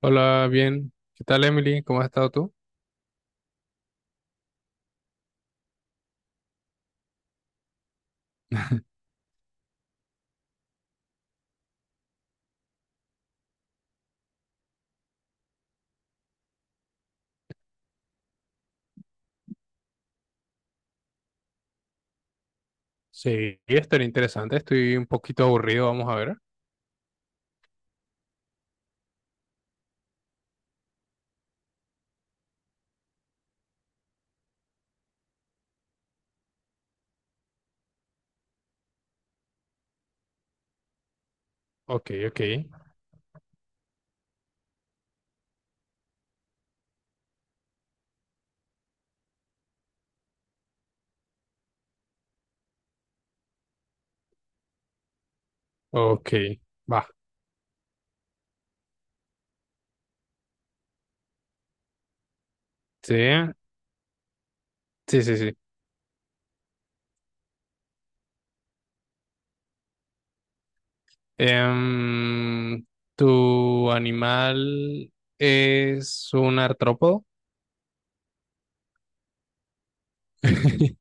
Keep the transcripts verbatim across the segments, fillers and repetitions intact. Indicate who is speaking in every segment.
Speaker 1: Hola, bien. ¿Qué tal, Emily? ¿Cómo has estado tú? Sí, esto era interesante. Estoy un poquito aburrido. Vamos a ver. Ok, ok. Ok, va. Sí, sí, sí, sí. Em, ¿Tu animal es un artrópodo?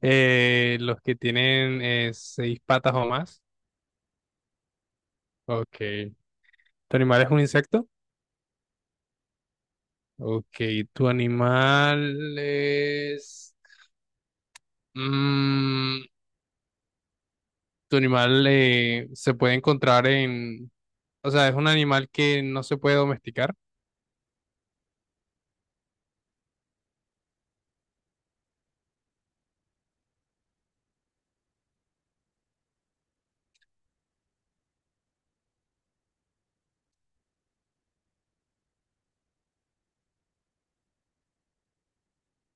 Speaker 1: Eh, los que tienen eh, seis patas o más. Ok. ¿Tu animal es un insecto? Ok. ¿Tu animal es... mm, Tu animal eh, se puede encontrar en, o sea, es un animal que no se puede domesticar.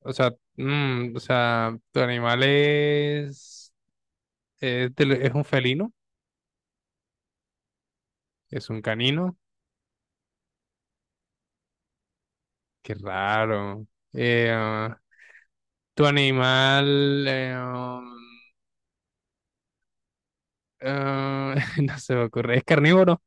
Speaker 1: O sea, mm, o sea, tu animal es, es, de lo- es un felino, es un canino. Qué raro. Eh, ah, tu animal, eh, um, ah, No se me ocurre, es carnívoro.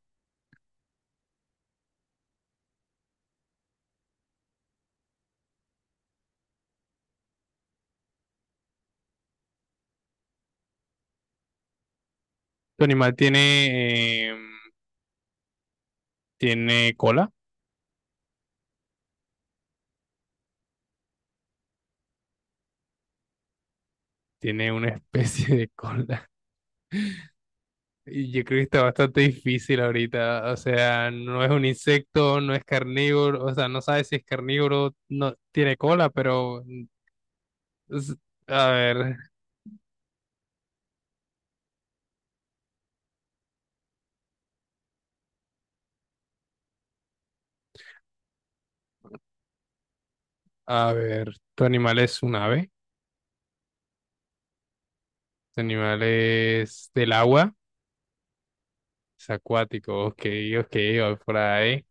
Speaker 1: Tu animal tiene, em, tiene cola, tiene una especie de cola. Y Yo creo que está bastante difícil ahorita. O sea, no es un insecto, no es carnívoro, o sea, no sabe si es carnívoro, no tiene cola, pero mm, es- a ver, a ver, tu animal es un ave, tu animal es del agua, es acuático, ok, ok, va por ahí.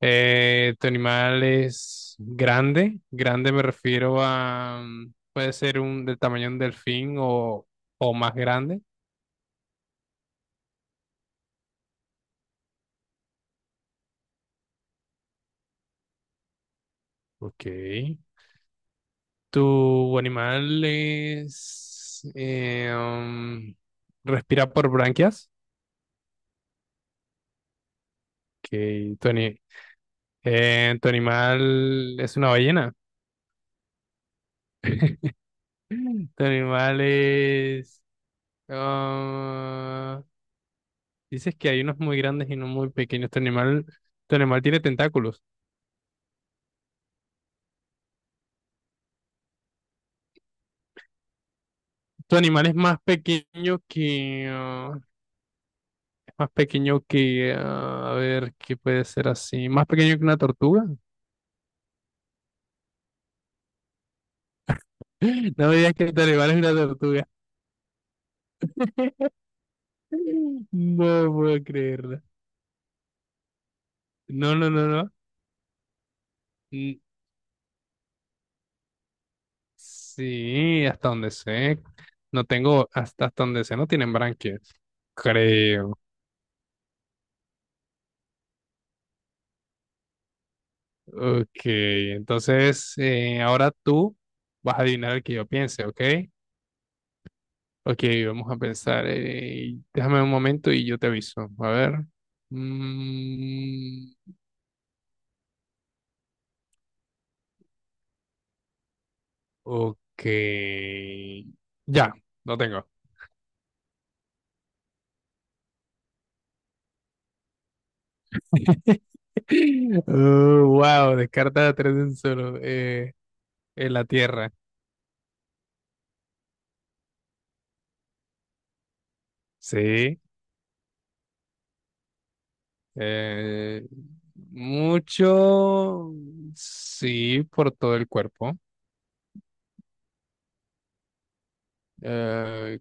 Speaker 1: Eh, tu animal es grande, grande me refiero a, mm, puede ser un del tamaño de un delfín o, o más grande, ok. ¿Tu animal es, eh, um, respira por branquias? Que tu, ani- eh, Tu animal es una ballena. Tu animal es... ah, Dices que hay unos muy grandes y unos muy pequeños. Tu animal, tu animal tiene tentáculos. Tu animal es más pequeño que... ah, es más pequeño que... ah, A ver, ¿qué puede ser así? Más pequeño que una tortuga. No me digas que tu animal es una tortuga. No puedo creerla. No, no, no, no. Mm, sí, hasta donde sé. No tengo, hasta, hasta donde sé, no tienen branquias. Creo. Ok, entonces eh, ahora tú vas a adivinar el que yo piense, ¿ok? Ok, vamos a pensar. Eh, déjame un momento y yo te aviso. A ver. Mm, ok. Ya, no tengo. Wow, descarta tres en solo. En la tierra. Sí. eh, Mucho, sí, por todo el cuerpo. eh,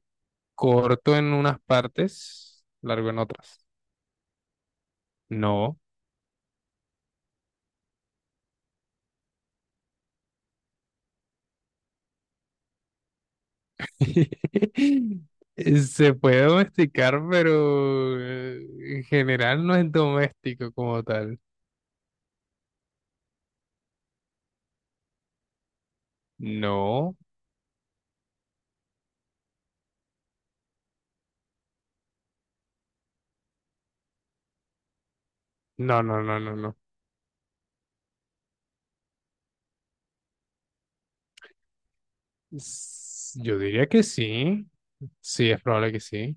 Speaker 1: Corto en unas partes, largo en otras. No. Se puede domesticar, pero eh, en general no es doméstico como tal. No, no, no, no, no, no. S- Yo diría que sí. Sí, es probable que sí.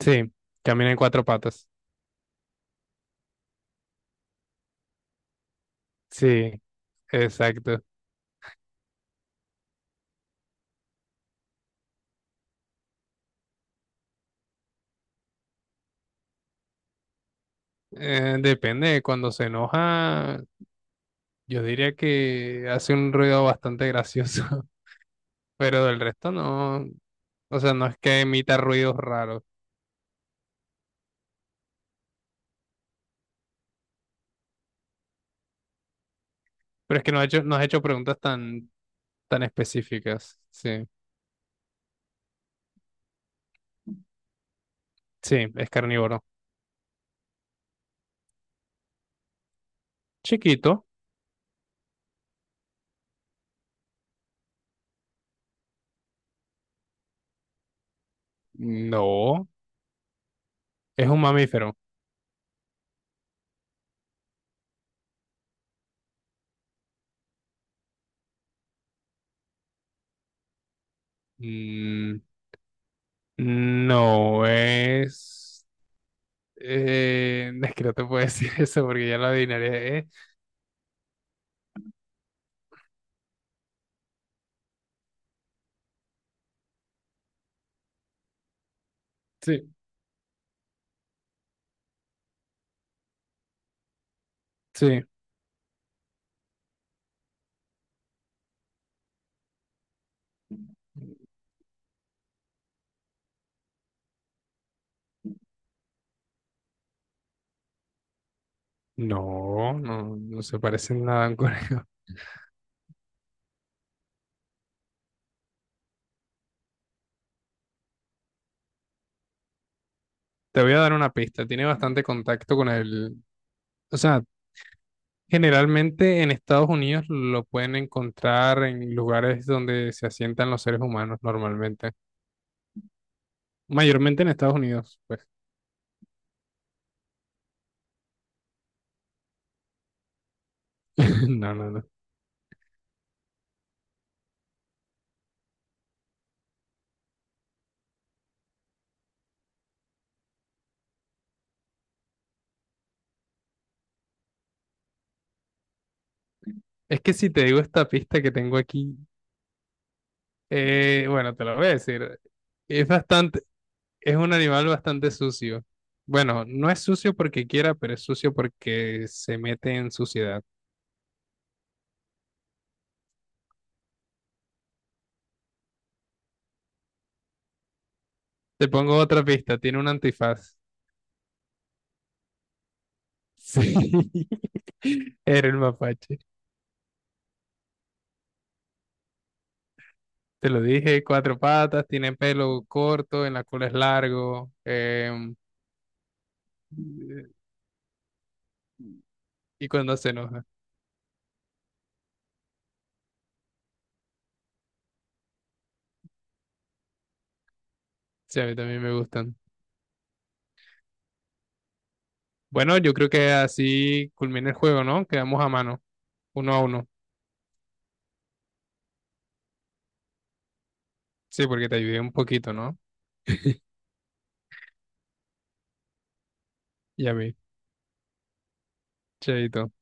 Speaker 1: Sí, camina en cuatro patas. Sí. Exacto. Eh, depende de cuando se enoja, yo diría que hace un ruido bastante gracioso, pero del resto no. O sea, no es que emita ruidos raros, pero es que no ha hecho, no has hecho preguntas tan, tan específicas. Sí, sí, es carnívoro. Chiquito, no. Es un mamífero. Mm, no es. Eh, es que no te puedo decir eso porque ya lo adivinaré. Eh, sí, sí. No, no, no se parece en nada a un conejo. Te voy a dar una pista. Tiene bastante contacto con el... O sea, generalmente en Estados Unidos lo pueden encontrar en lugares donde se asientan los seres humanos normalmente. Mayormente en Estados Unidos, pues. No, no, no. Es que si te digo esta pista que tengo aquí, eh, bueno, te la voy a decir. Es bastante, es un animal bastante sucio. Bueno, no es sucio porque quiera, pero es sucio porque se mete en suciedad. Te pongo otra pista, tiene un antifaz. Sí, era el mapache. Te lo dije, cuatro patas, tiene pelo corto, en la cola es largo, em, y cuando se enoja. Sí, a mí también me gustan. Bueno, yo creo que así culmina el juego, ¿no? Quedamos a mano, uno a uno. Sí, porque te ayudé un poquito, ¿no? Y a mí, chaito.